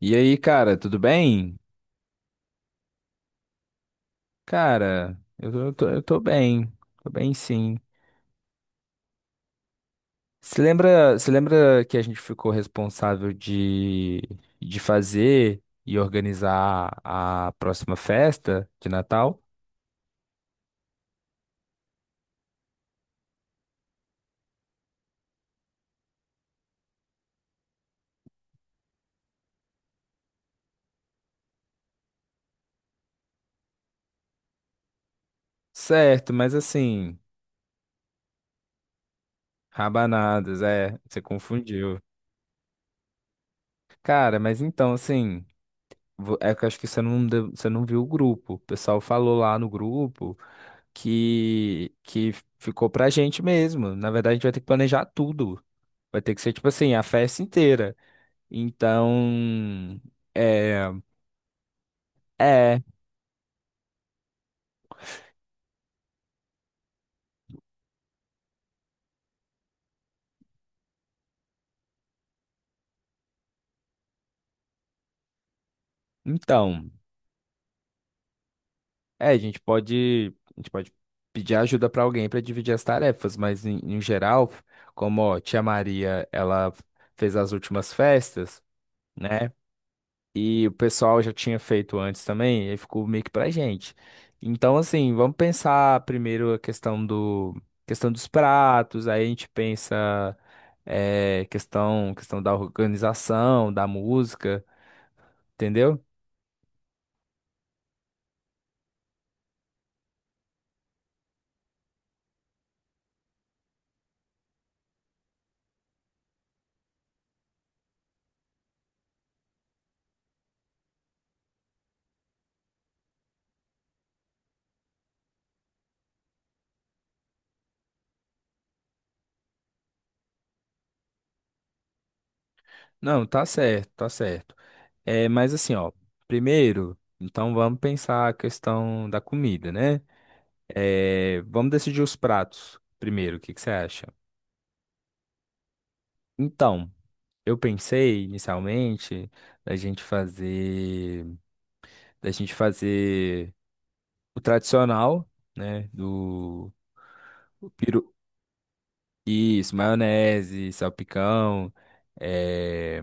E aí, cara, tudo bem? Cara, eu tô bem. Tô bem, sim. Você lembra que a gente ficou responsável de fazer e organizar a próxima festa de Natal? Certo, mas assim, rabanadas, é, você confundiu. Cara, mas então, assim, é que eu acho que você não viu o grupo. O pessoal falou lá no grupo que ficou pra gente mesmo. Na verdade, a gente vai ter que planejar tudo. Vai ter que ser, tipo assim, a festa inteira. Então, é, é, então, a gente pode pedir ajuda pra alguém pra dividir as tarefas, mas em geral, como, ó, tia Maria, ela fez as últimas festas, né? E o pessoal já tinha feito antes também, e aí ficou meio que pra gente. Então, assim, vamos pensar primeiro a questão dos pratos, aí a gente pensa questão da organização, da música, entendeu? Não, tá certo, tá certo. É, mas assim, ó, primeiro, então vamos pensar a questão da comida, né? É, vamos decidir os pratos primeiro, o que que você acha? Então. Eu pensei inicialmente da gente fazer, da gente fazer o tradicional, né, do o peru, isso, maionese, salpicão. é.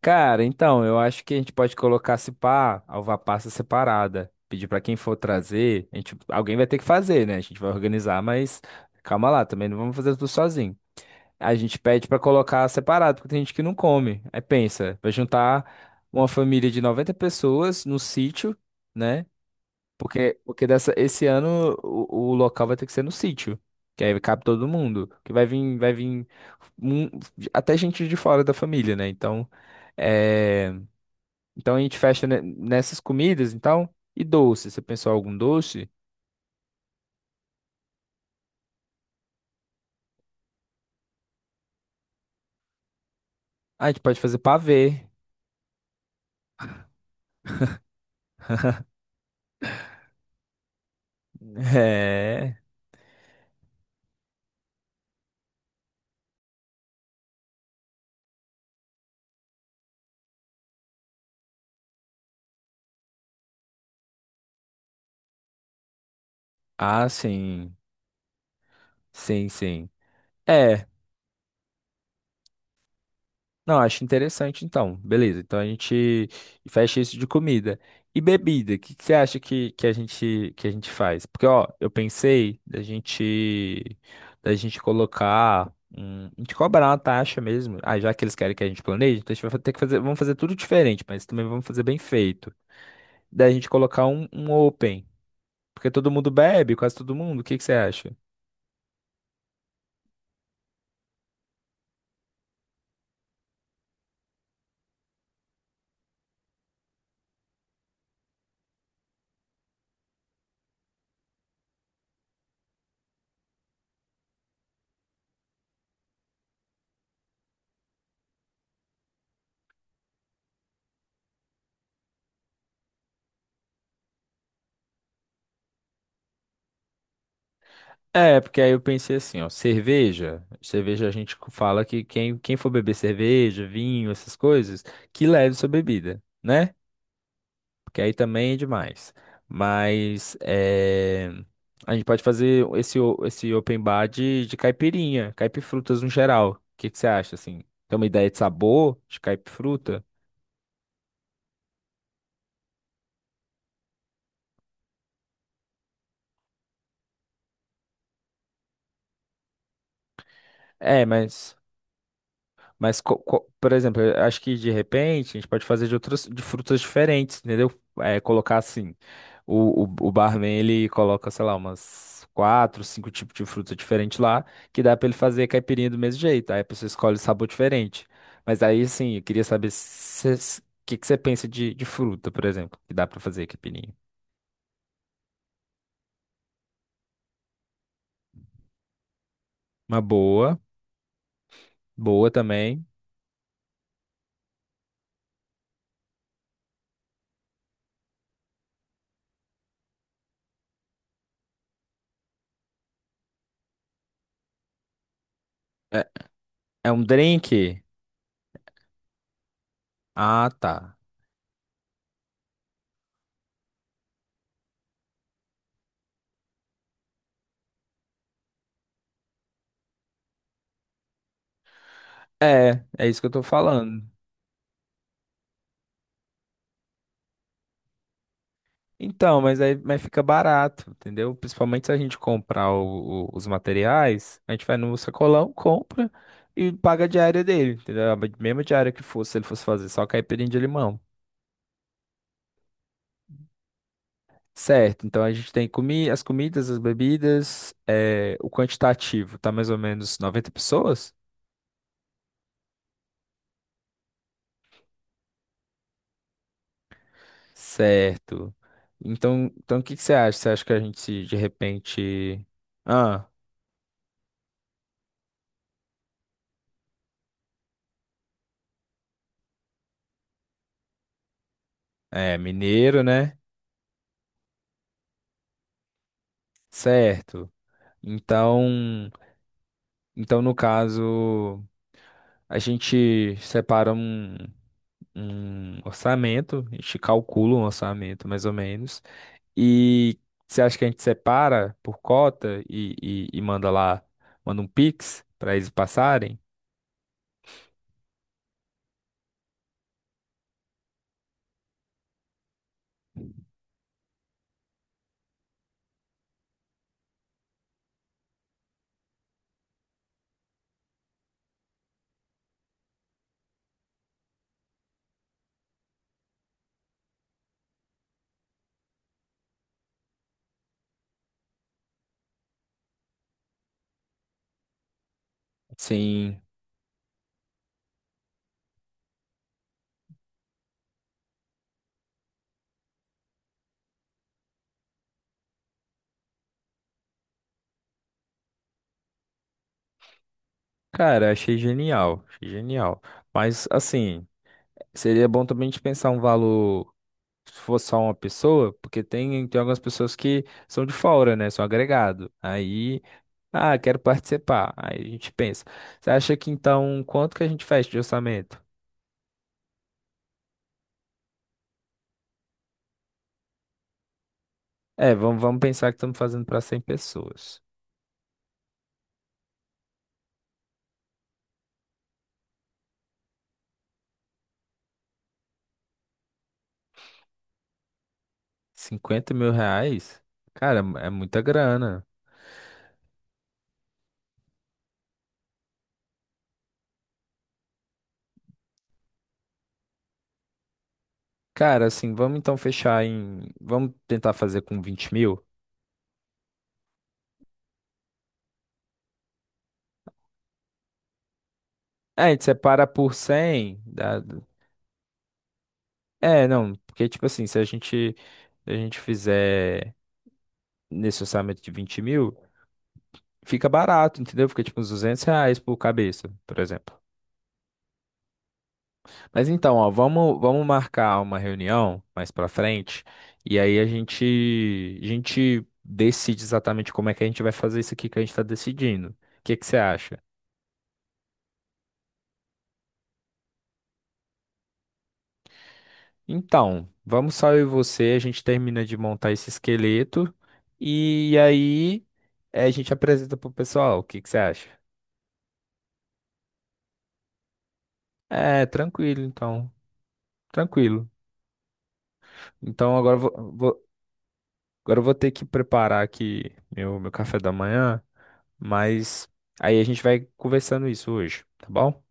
Cara, então eu acho que a gente pode colocar se pá, alva passa separada. Pedir pra quem for trazer, a gente, alguém vai ter que fazer, né? A gente vai organizar, mas calma lá, também não vamos fazer tudo sozinho. A gente pede pra colocar separado, porque tem gente que não come. Aí pensa, vai juntar uma família de 90 pessoas no sítio, né? Porque dessa, esse ano o local vai ter que ser no sítio. Que aí cabe todo mundo. Que vai vir um- até gente de fora da família, né? Então, é, então a gente fecha nessas comidas, então. E doce, você pensou algum doce? Ah, a gente pode fazer pavê. É. Ah, sim. Sim, sim. É. Não, acho interessante então. Beleza, então a gente fecha isso de comida. E bebida, o que que você acha que a gente faz? Porque ó, eu pensei da gente colocar um, a gente cobrar uma taxa mesmo. Ah, já que eles querem que a gente planeje, então a gente vai ter que fazer, vamos fazer tudo diferente, mas também vamos fazer bem feito. Da gente colocar um open, porque todo mundo bebe, quase todo mundo. O que que você acha? É, porque aí eu pensei assim, ó, cerveja a gente fala que quem for beber cerveja, vinho, essas coisas, que leve sua bebida, né? Porque aí também é demais. Mas é, a gente pode fazer esse open bar de caipirinha, caipifrutas no geral. O que que você acha, assim? Tem uma ideia de sabor de caipifruta? É, mas... Mas, por exemplo, eu acho que de repente a gente pode fazer de outras de frutas diferentes, entendeu? É, colocar assim, o barman ele coloca, sei lá, umas quatro, cinco tipos de fruta diferente lá, que dá pra ele fazer caipirinha do mesmo jeito. Aí a pessoa escolhe sabor diferente. Mas aí, assim, eu queria saber o que que você pensa de fruta, por exemplo, que dá pra fazer caipirinha. Uma boa, boa também. É, é um drink? Ah, tá. É isso que eu tô falando. Então, mas aí mas fica barato, entendeu? Principalmente se a gente comprar os materiais, a gente vai no sacolão, compra e paga a diária dele, entendeu? A mesma diária que fosse, se ele fosse fazer só caipirinha de limão. Certo, então a gente tem comi as comidas, as bebidas, o quantitativo, tá mais ou menos 90 pessoas? Certo. Então, o que que você acha? Você acha que a gente se, de repente... Ah, é mineiro, né? Certo. Então. Então, no caso, a gente separa um orçamento, a gente calcula um orçamento mais ou menos. E você acha que a gente separa por cota e manda lá, manda um Pix para eles passarem? Sim, cara, achei genial, achei genial. Mas assim, seria bom também a gente pensar um valor. Se fosse só uma pessoa, porque tem algumas pessoas que são de fora, né? São agregado. Aí Ah, quero participar. Aí a gente pensa. Você acha que então, quanto que a gente fecha de orçamento? É, vamos pensar que estamos fazendo para 100 pessoas. R$ 50.000? Cara, é muita grana. Cara, assim, vamos então fechar em. Vamos tentar fazer com 20.000? É, a gente separa por 100. É, não, porque, tipo assim, se a gente fizer nesse orçamento de 20.000, fica barato, entendeu? Fica tipo uns R$ 200 por cabeça, por exemplo. Mas então, ó, vamos marcar uma reunião mais pra frente e aí a gente decide exatamente como é que a gente vai fazer isso aqui que a gente tá decidindo. O que que você acha? Então, vamos só eu e você, a gente termina de montar esse esqueleto e aí a gente apresenta pro pessoal. O que que você acha? É, tranquilo, então. Tranquilo. Então agora eu vou ter que preparar aqui meu café da manhã. Mas aí a gente vai conversando isso hoje, tá bom?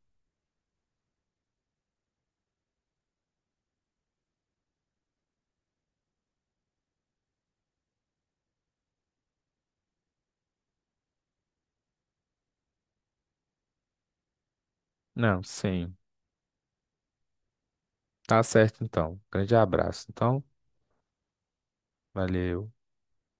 Não, sim. Tá certo então. Grande abraço, então. Valeu.